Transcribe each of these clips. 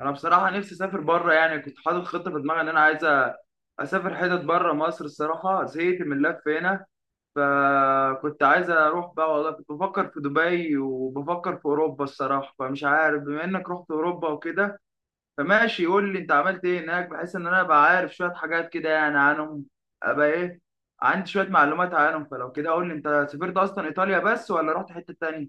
انا بصراحه نفسي اسافر بره، كنت حاطط خطه في دماغي ان انا عايز اسافر حتت بره مصر. الصراحه زهقت من اللف هنا، فكنت عايز اروح بقى. والله كنت بفكر في دبي وبفكر في اوروبا الصراحه، فمش عارف. بما انك رحت اوروبا وكده، فماشي قول لي انت عملت ايه هناك بحيث ان انا ابقى عارف شويه حاجات كده عنهم. ابقى ايه، عندي شويه معلومات عنهم. فلو كده قول لي انت سافرت اصلا ايطاليا بس ولا رحت حته تانية؟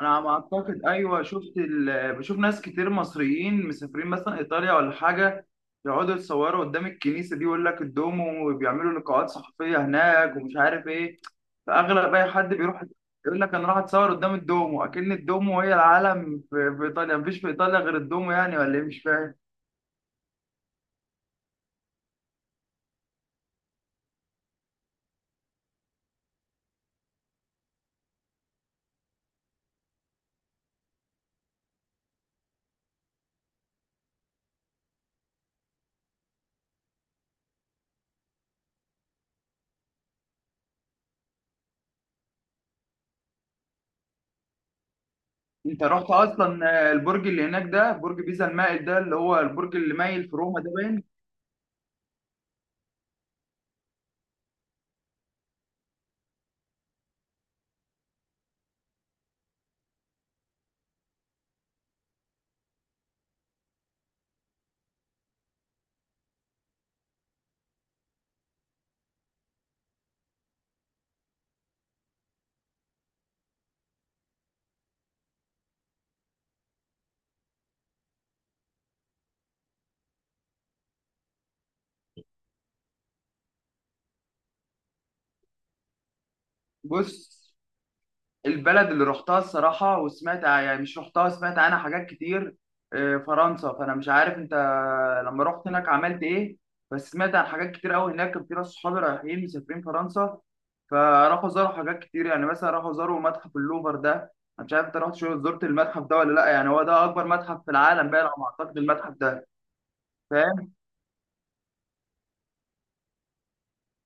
انا على ما اعتقد ايوه، شفت بشوف ناس كتير مصريين مسافرين مثلا ايطاليا ولا حاجه، يقعدوا يتصوروا قدام الكنيسه دي ويقول لك الدومو، وبيعملوا لقاءات صحفيه هناك ومش عارف ايه. فاغلب اي حد بيروح يقول لك انا راح اتصور قدام الدومو، اكن الدومو هي العالم في ايطاليا، مفيش في ايطاليا غير الدومو ولا ايه؟ مش فاهم. انت رحت اصلا البرج اللي هناك ده، برج بيزا المائل ده، اللي هو البرج اللي مايل في روما ده باين؟ بص، البلد اللي رحتها الصراحة وسمعت، يعني مش رحتها سمعت عنها حاجات كتير، فرنسا. فأنا مش عارف أنت لما رحت هناك عملت إيه، بس سمعت عن حاجات كتير أوي هناك. كان في ناس صحابي رايحين مسافرين فرنسا، فراحوا زاروا حاجات كتير يعني. مثلا راحوا زاروا متحف اللوفر ده، أنا مش عارف أنت رحت شو زرت المتحف ده ولا لأ. يعني هو ده أكبر متحف في العالم بقى على ما أعتقد، المتحف ده فاهم.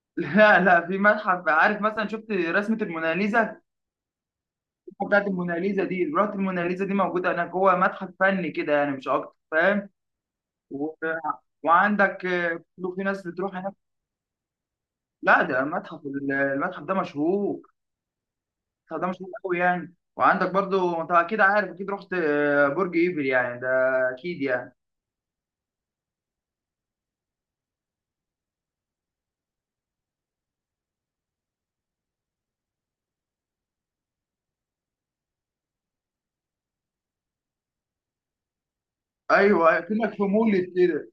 لا في متحف، عارف مثلا شفت رسمة الموناليزا بتاعت الموناليزا دي؟ زرافه الموناليزا دي موجوده هناك، هو متحف فني كده يعني مش اكتر فاهم. و... وعندك في ناس بتروح هناك. لا ده متحف، المتحف ده مشهور. المتحف ده مشهور قوي يعني. وعندك برضو انت اكيد عارف، اكيد رحت برج ايفل ده اكيد يعني. ايوه، كأنك في مول كده.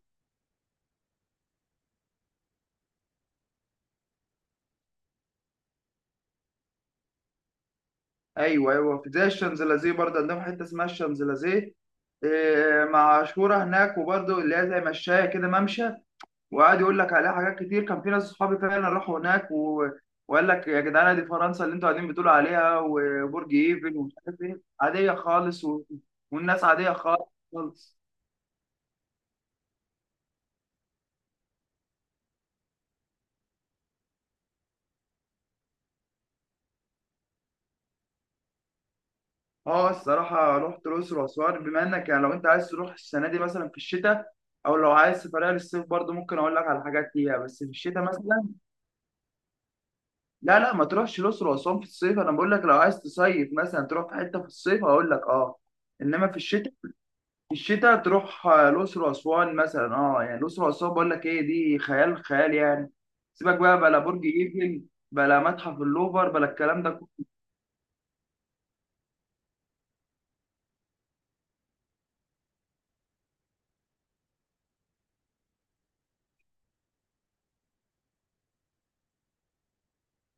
ايوه ايوه، في زي الشانزليزيه برضه، عندهم حته اسمها الشانزليزيه، آه، مشهوره هناك، وبرضه اللي هي زي مشايه كده، ممشى. وقعد يقول لك عليها حاجات كتير. كان في ناس صحابي فعلا راحوا هناك وقال لك يا جدعان دي فرنسا اللي انتوا قاعدين بتقولوا عليها، وبرج ايفل ومش عارف ايه، عاديه خالص والناس عاديه خالص. اه الصراحه رحت الاقصر واسوان. بما انك يعني لو انت عايز تروح السنه دي مثلا في الشتاء، او لو عايز سفريه للصيف برضه ممكن اقول لك على حاجات فيها، بس في الشتاء مثلا. لا لا، ما تروحش الاقصر واسوان في الصيف. انا بقول لك لو عايز تصيف مثلا تروح في حته في الصيف هقول لك اه، انما في الشتاء، الشتاء تروح الأقصر وأسوان مثلا اه. يعني الأقصر وأسوان بقول لك ايه، دي خيال خيال يعني. سيبك بقى بلا برج ايفل، بلا متحف اللوفر، بلا الكلام ده كله.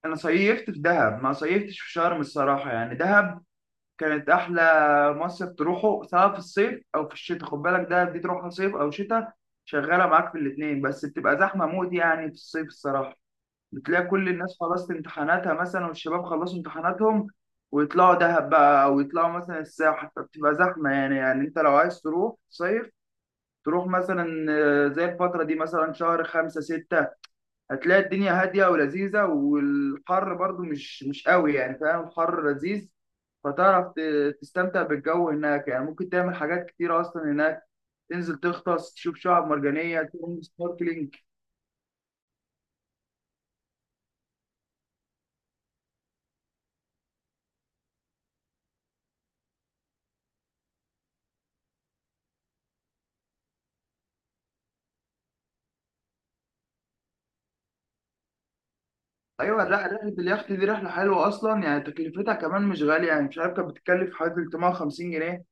أنا صيفت في دهب ما صيفتش في شرم الصراحة. يعني دهب كانت أحلى مصيف، تروحه سواء في الصيف أو في الشتاء. خد بالك دهب دي تروحها صيف أو شتاء شغالة معاك في الاتنين، بس بتبقى زحمة موت يعني في الصيف الصراحة. بتلاقي كل الناس خلصت امتحاناتها مثلا، والشباب خلصوا امتحاناتهم، ويطلعوا دهب بقى، او يطلعوا مثلا الساحل، فبتبقى زحمه يعني. انت لو عايز تروح صيف تروح مثلا زي الفتره دي مثلا، شهر خمسة ستة، هتلاقي الدنيا هاديه ولذيذه، والحر برضو مش قوي يعني، فاهم الحر لذيذ. فتعرف تستمتع بالجو هناك يعني. ممكن تعمل حاجات كتيره اصلا هناك، تنزل تغطس تشوف شعاب مرجانيه، تعمل سنوركلينج. ايوه، لا رحله اليخت دي رحله حلوه اصلا يعني، تكلفتها كمان مش غاليه يعني، مش عارف كانت بتتكلف حوالي 350 جنيه.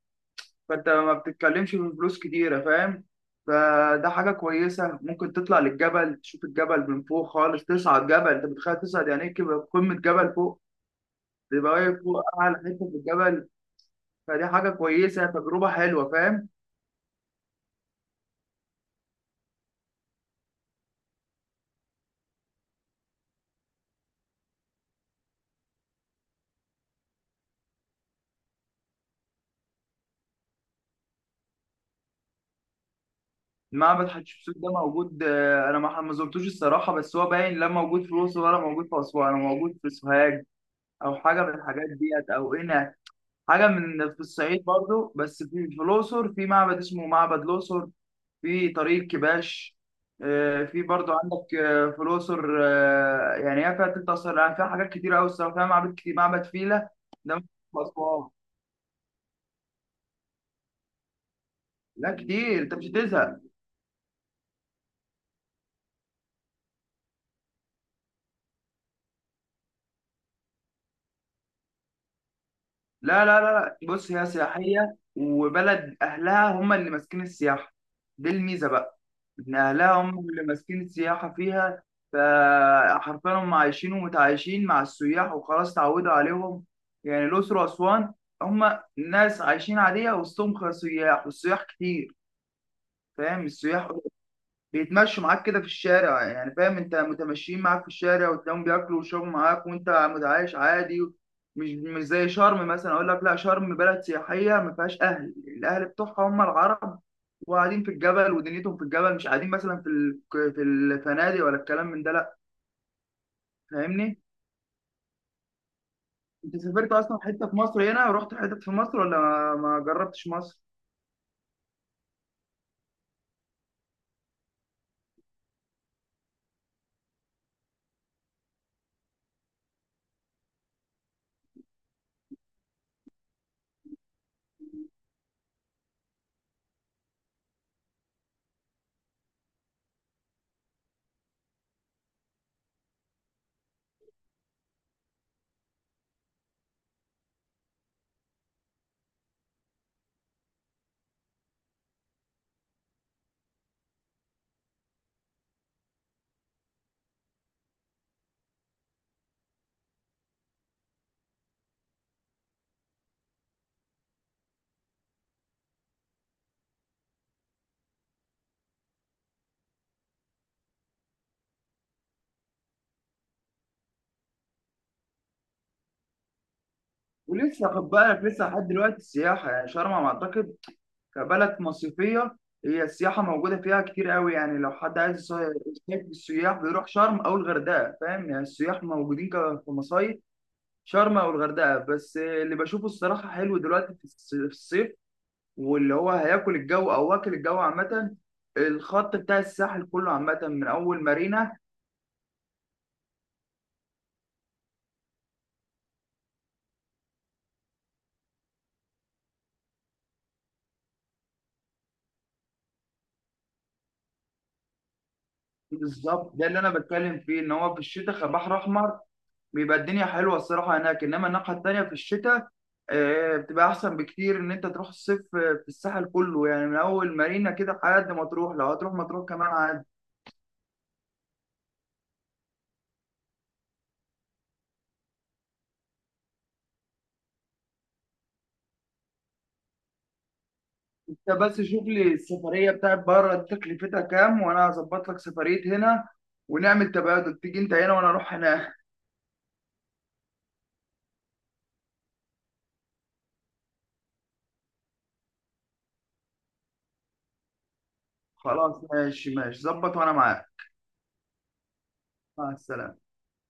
فانت ما بتتكلمش في فلوس كتيره فاهم. فده حاجه كويسه. ممكن تطلع للجبل تشوف الجبل من فوق خالص، تصعد جبل انت متخيل؟ تصعد يعني ايه كده قمه جبل فوق، تبقى واقف فوق اعلى حته في الجبل. فدي حاجه كويسه، تجربه حلوه فاهم. معبد حتشبسوت ده موجود، انا ما زرتوش الصراحه، بس هو باين لا موجود في الاقصر ولا موجود في اسوان، هو موجود في سوهاج او حاجه من الحاجات ديت او قنا، حاجه من في الصعيد برضو. بس في الاقصر في معبد اسمه معبد الاقصر، في طريق كباش، في برضو عندك في الاقصر يعني هي فيها تلت اثار، يعني فيها حاجات كتير قوي الصراحه، فيها معابد كتير، معبد فيلة ده موجود في اسوان. لا كتير، انت مش هتزهق. لا. بص هي سياحيه، وبلد اهلها هم اللي ماسكين السياحه، دي الميزه بقى، إن أهلها هم اللي ماسكين السياحة فيها. فحرفيا هم عايشين ومتعايشين مع السياح وخلاص، اتعودوا عليهم. يعني الأقصر وأسوان هم ناس عايشين عادية وسطهم سياح، والسياح كتير فاهم. السياح بيتمشوا معاك كده في الشارع يعني، فاهم انت متمشيين معاك في الشارع وتلاقيهم بياكلوا ويشربوا معاك وانت متعايش عادي. مش زي شرم مثلا، اقول لك لا شرم بلد سياحيه ما فيهاش اهل، الاهل بتوعها هم العرب وقاعدين في الجبل ودنيتهم في الجبل، مش قاعدين مثلا في في الفنادق ولا الكلام من ده لا. فاهمني، انت سافرت اصلا حته في مصر هنا ورحت حته في مصر، ولا ما جربتش مصر؟ ولسه، خد بالك لسه لحد دلوقتي السياحه، يعني شرم على ما اعتقد كبلد مصيفية هي السياحة موجودة فيها كتير قوي يعني. لو حد عايز يصيف السياح بيروح شرم أو الغردقة فاهم، يعني السياح موجودين كمصايف، شرم أو الغردقة. بس اللي بشوفه الصراحة حلو دلوقتي في في الصيف، واللي هو هياكل الجو أو واكل الجو عامة، الخط بتاع الساحل كله عامة من أول مارينا. بالظبط، ده اللي أنا بتكلم فيه، إن هو في الشتاء بحر أحمر بيبقى الدنيا حلوه الصراحه هناك. انما الناحيه التانيه في الشتاء، بتبقى احسن بكتير ان انت تروح الصيف، في الساحل كله يعني من اول مارينا كده لحد ما تروح، لو هتروح ما تروح كمان عادي. انت بس شوف لي السفريه بتاعت بره دي تكلفتها كام، وانا هظبط لك سفريه هنا، ونعمل تبادل، تيجي انت هنا وانا اروح هناك. خلاص ماشي ماشي، ظبط وانا معاك. مع السلامه.